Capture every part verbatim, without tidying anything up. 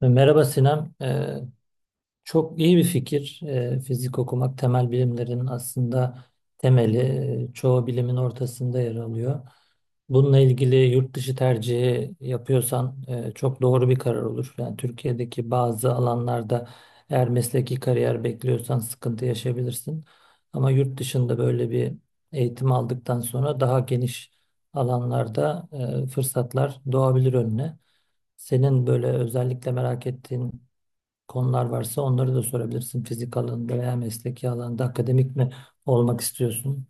Merhaba Sinem. Ee, çok iyi bir fikir. Ee, fizik okumak temel bilimlerin aslında temeli. Ee, Çoğu bilimin ortasında yer alıyor. Bununla ilgili yurt dışı tercihi yapıyorsan e, çok doğru bir karar olur. Yani Türkiye'deki bazı alanlarda eğer mesleki kariyer bekliyorsan sıkıntı yaşayabilirsin. Ama yurt dışında böyle bir eğitim aldıktan sonra daha geniş alanlarda e, fırsatlar doğabilir önüne. Senin böyle özellikle merak ettiğin konular varsa onları da sorabilirsin. Fizik alanında veya mesleki alanda akademik mi olmak istiyorsun?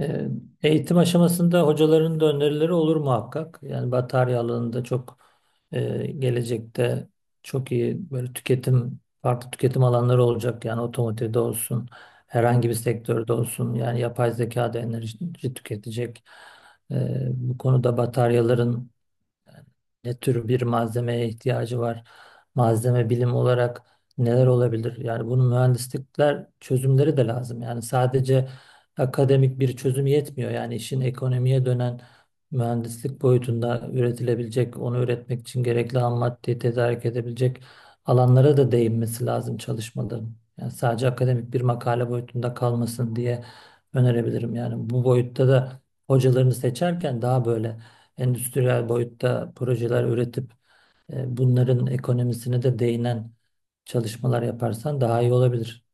Ee, Eğitim aşamasında hocaların da önerileri olur muhakkak. Yani batarya alanında çok e, gelecekte çok iyi böyle tüketim, farklı tüketim alanları olacak. Yani otomotivde olsun, herhangi bir sektörde olsun. Yani yapay zeka da enerji tüketecek. Ee, bu konuda bataryaların ne tür bir malzemeye ihtiyacı var, malzeme bilim olarak neler olabilir? Yani bunun mühendislikler çözümleri de lazım. Yani sadece akademik bir çözüm yetmiyor. Yani işin ekonomiye dönen mühendislik boyutunda üretilebilecek, onu üretmek için gerekli ham maddeyi tedarik edebilecek alanlara da değinmesi lazım çalışmaların. Yani sadece akademik bir makale boyutunda kalmasın diye önerebilirim. Yani bu boyutta da hocalarını seçerken daha böyle endüstriyel boyutta projeler üretip e, bunların ekonomisine de değinen çalışmalar yaparsan daha iyi olabilir.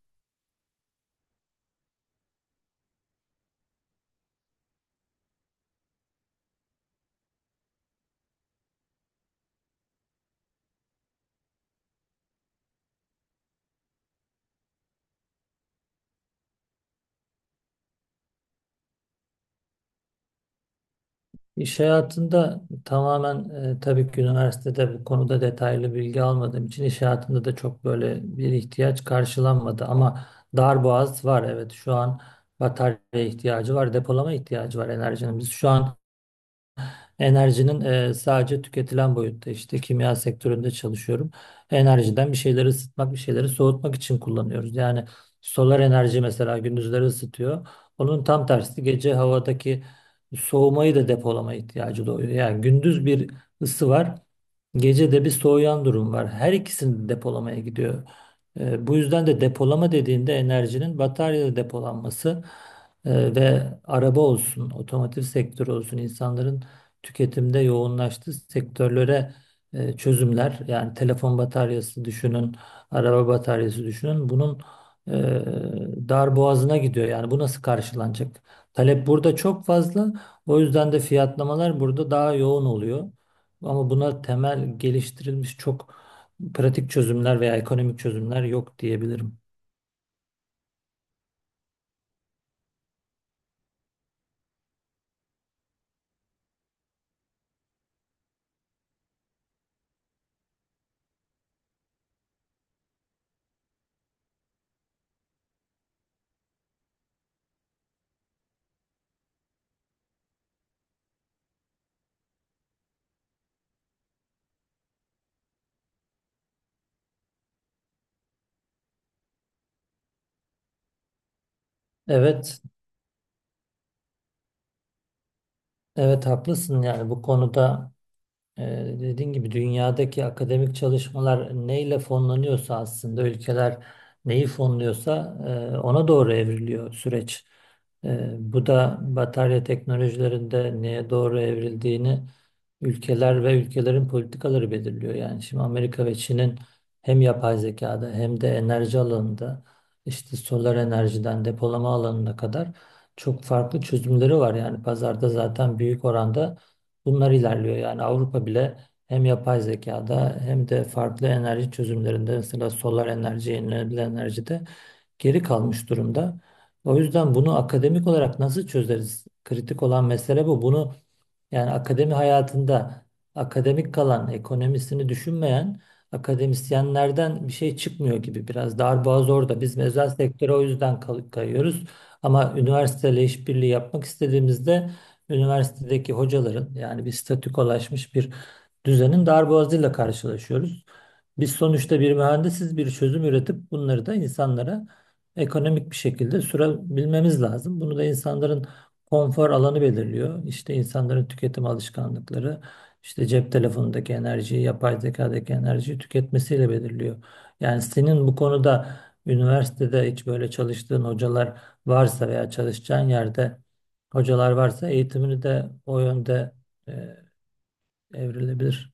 İş hayatında tamamen e, tabii ki üniversitede bu konuda detaylı bilgi almadığım için iş hayatında da çok böyle bir ihtiyaç karşılanmadı ama darboğaz var, evet şu an batarya ihtiyacı var, depolama ihtiyacı var enerjinin. Biz şu an enerjinin e, sadece tüketilen boyutta işte kimya sektöründe çalışıyorum. Enerjiden bir şeyleri ısıtmak, bir şeyleri soğutmak için kullanıyoruz. Yani solar enerji mesela gündüzleri ısıtıyor. Onun tam tersi gece havadaki soğumayı da depolama ihtiyacı doğuyor. Yani gündüz bir ısı var. Gecede bir soğuyan durum var. Her ikisini de depolamaya gidiyor. E, bu yüzden de depolama dediğinde enerjinin bataryada depolanması e, ve araba olsun, otomotiv sektörü olsun, insanların tüketimde yoğunlaştığı sektörlere e, çözümler, yani telefon bataryası düşünün, araba bataryası düşünün, bunun e, dar boğazına gidiyor. Yani bu nasıl karşılanacak? Talep burada çok fazla. O yüzden de fiyatlamalar burada daha yoğun oluyor. Ama buna temel geliştirilmiş çok pratik çözümler veya ekonomik çözümler yok diyebilirim. Evet, evet haklısın yani bu konuda Ee, dediğin gibi dünyadaki akademik çalışmalar neyle fonlanıyorsa aslında ülkeler neyi fonluyorsa e, ona doğru evriliyor süreç. E, bu da batarya teknolojilerinde neye doğru evrildiğini ülkeler ve ülkelerin politikaları belirliyor. Yani şimdi Amerika ve Çin'in hem yapay zekada hem de enerji alanında işte solar enerjiden depolama alanına kadar çok farklı çözümleri var. Yani pazarda zaten büyük oranda bunlar ilerliyor. Yani Avrupa bile hem yapay zekada hem de farklı enerji çözümlerinde mesela solar enerji, yenilenebilir enerjide geri kalmış durumda. O yüzden bunu akademik olarak nasıl çözeriz? Kritik olan mesele bu. Bunu yani akademi hayatında akademik kalan, ekonomisini düşünmeyen akademisyenlerden bir şey çıkmıyor gibi, biraz darboğaz orada. Biz özel sektöre o yüzden kay- kayıyoruz. Ama üniversiteyle işbirliği yapmak istediğimizde üniversitedeki hocaların yani bir statükolaşmış bir düzenin darboğazıyla karşılaşıyoruz. Biz sonuçta bir mühendisiz, bir çözüm üretip bunları da insanlara ekonomik bir şekilde sürebilmemiz lazım. Bunu da insanların konfor alanı belirliyor. İşte insanların tüketim alışkanlıkları, işte cep telefonundaki enerjiyi, yapay zekadaki enerjiyi tüketmesiyle belirliyor. Yani senin bu konuda üniversitede hiç böyle çalıştığın hocalar varsa veya çalışacağın yerde hocalar varsa eğitimini de o yönde e, evrilebilir.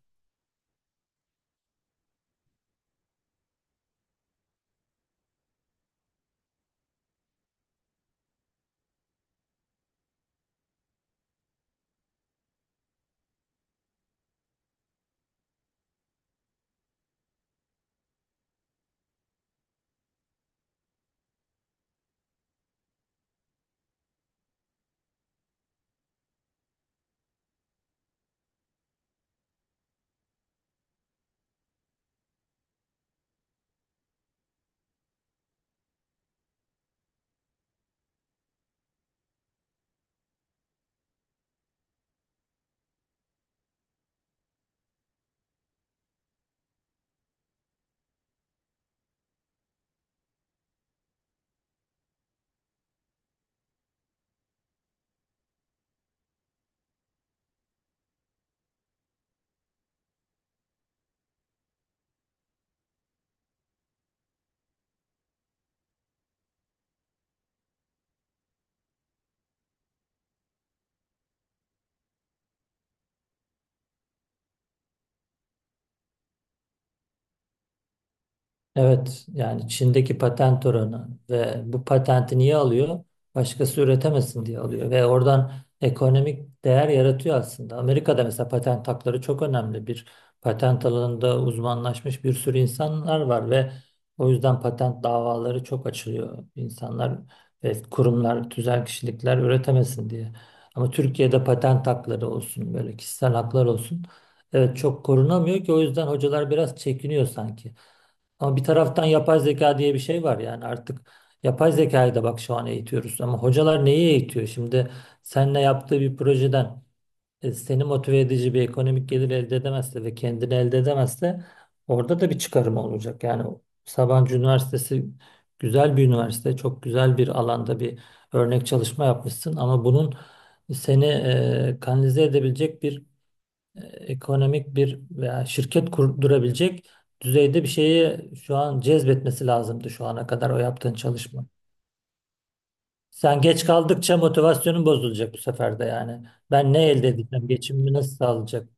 Evet, yani Çin'deki patent oranı ve bu patenti niye alıyor? Başkası üretemesin diye alıyor ve oradan ekonomik değer yaratıyor aslında. Amerika'da mesela patent hakları çok önemli. Bir patent alanında uzmanlaşmış bir sürü insanlar var ve o yüzden patent davaları çok açılıyor. İnsanlar ve kurumlar, tüzel kişilikler üretemesin diye. Ama Türkiye'de patent hakları olsun, böyle kişisel haklar olsun. Evet, çok korunamıyor ki o yüzden hocalar biraz çekiniyor sanki. Ama bir taraftan yapay zeka diye bir şey var yani artık yapay zekayı da bak şu an eğitiyoruz ama hocalar neyi eğitiyor? Şimdi seninle yaptığı bir projeden e, seni motive edici bir ekonomik gelir elde edemezse ve kendini elde edemezse orada da bir çıkarım olacak. Yani Sabancı Üniversitesi güzel bir üniversite, çok güzel bir alanda bir örnek çalışma yapmışsın ama bunun seni e, kanalize edebilecek bir e, ekonomik bir veya şirket kurdurabilecek düzeyde bir şeyi şu an cezbetmesi lazımdı şu ana kadar o yaptığın çalışma. Sen geç kaldıkça motivasyonun bozulacak bu sefer de yani. Ben ne elde edeceğim? Geçimimi nasıl sağlayacak?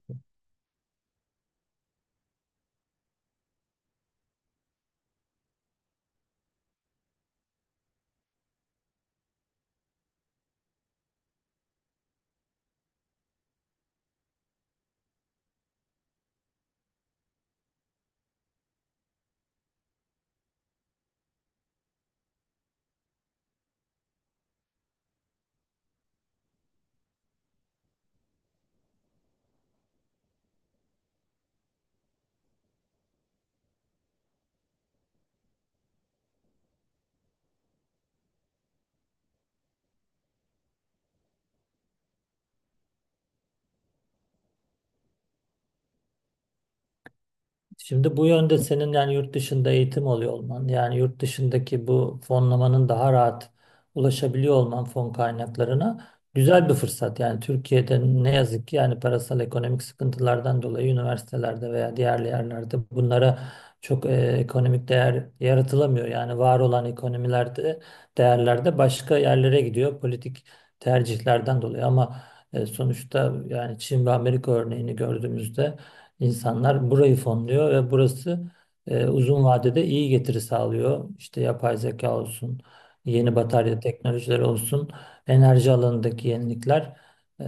Şimdi bu yönde senin yani yurt dışında eğitim oluyor olman, yani yurt dışındaki bu fonlamanın daha rahat ulaşabiliyor olman fon kaynaklarına güzel bir fırsat. Yani Türkiye'de ne yazık ki yani parasal ekonomik sıkıntılardan dolayı üniversitelerde veya diğer yerlerde bunlara çok e, ekonomik değer yaratılamıyor. Yani var olan ekonomilerde, değerlerde başka yerlere gidiyor politik tercihlerden dolayı ama e, sonuçta yani Çin ve Amerika örneğini gördüğümüzde İnsanlar burayı fonluyor ve burası e, uzun vadede iyi getiri sağlıyor. İşte yapay zeka olsun, yeni batarya teknolojileri olsun, enerji alanındaki yenilikler e,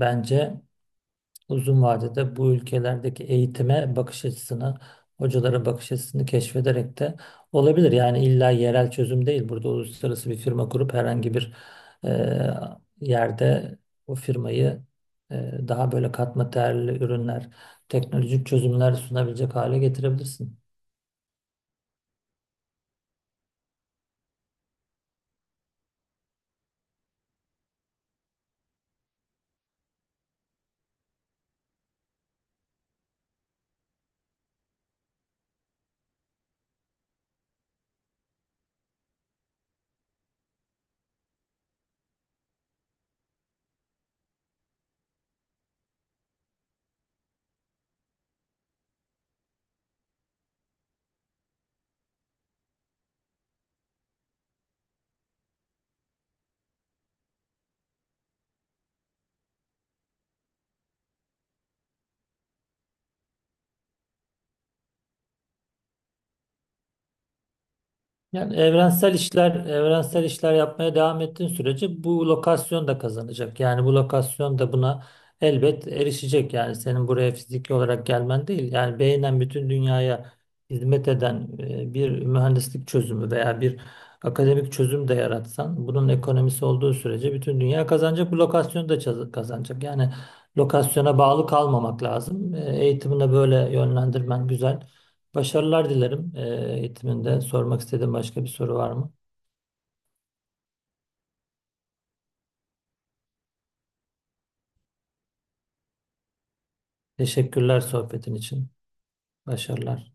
bence uzun vadede bu ülkelerdeki eğitime bakış açısını, hocalara bakış açısını keşfederek de olabilir. Yani illa yerel çözüm değil. Burada uluslararası bir firma kurup herhangi bir e, yerde o firmayı e, daha böyle katma değerli ürünler, teknolojik çözümler sunabilecek hale getirebilirsin. Yani evrensel işler, evrensel işler yapmaya devam ettiğin sürece bu lokasyon da kazanacak. Yani bu lokasyon da buna elbet erişecek. Yani senin buraya fiziki olarak gelmen değil. Yani beynen bütün dünyaya hizmet eden e, bir mühendislik çözümü veya bir akademik çözüm de yaratsan, bunun ekonomisi olduğu sürece bütün dünya kazanacak. Bu lokasyon da çaz- kazanacak. Yani lokasyona bağlı kalmamak lazım. E, Eğitimine böyle yönlendirmen güzel. Başarılar dilerim e, eğitiminde. Sormak istediğin başka bir soru var mı? Teşekkürler sohbetin için. Başarılar.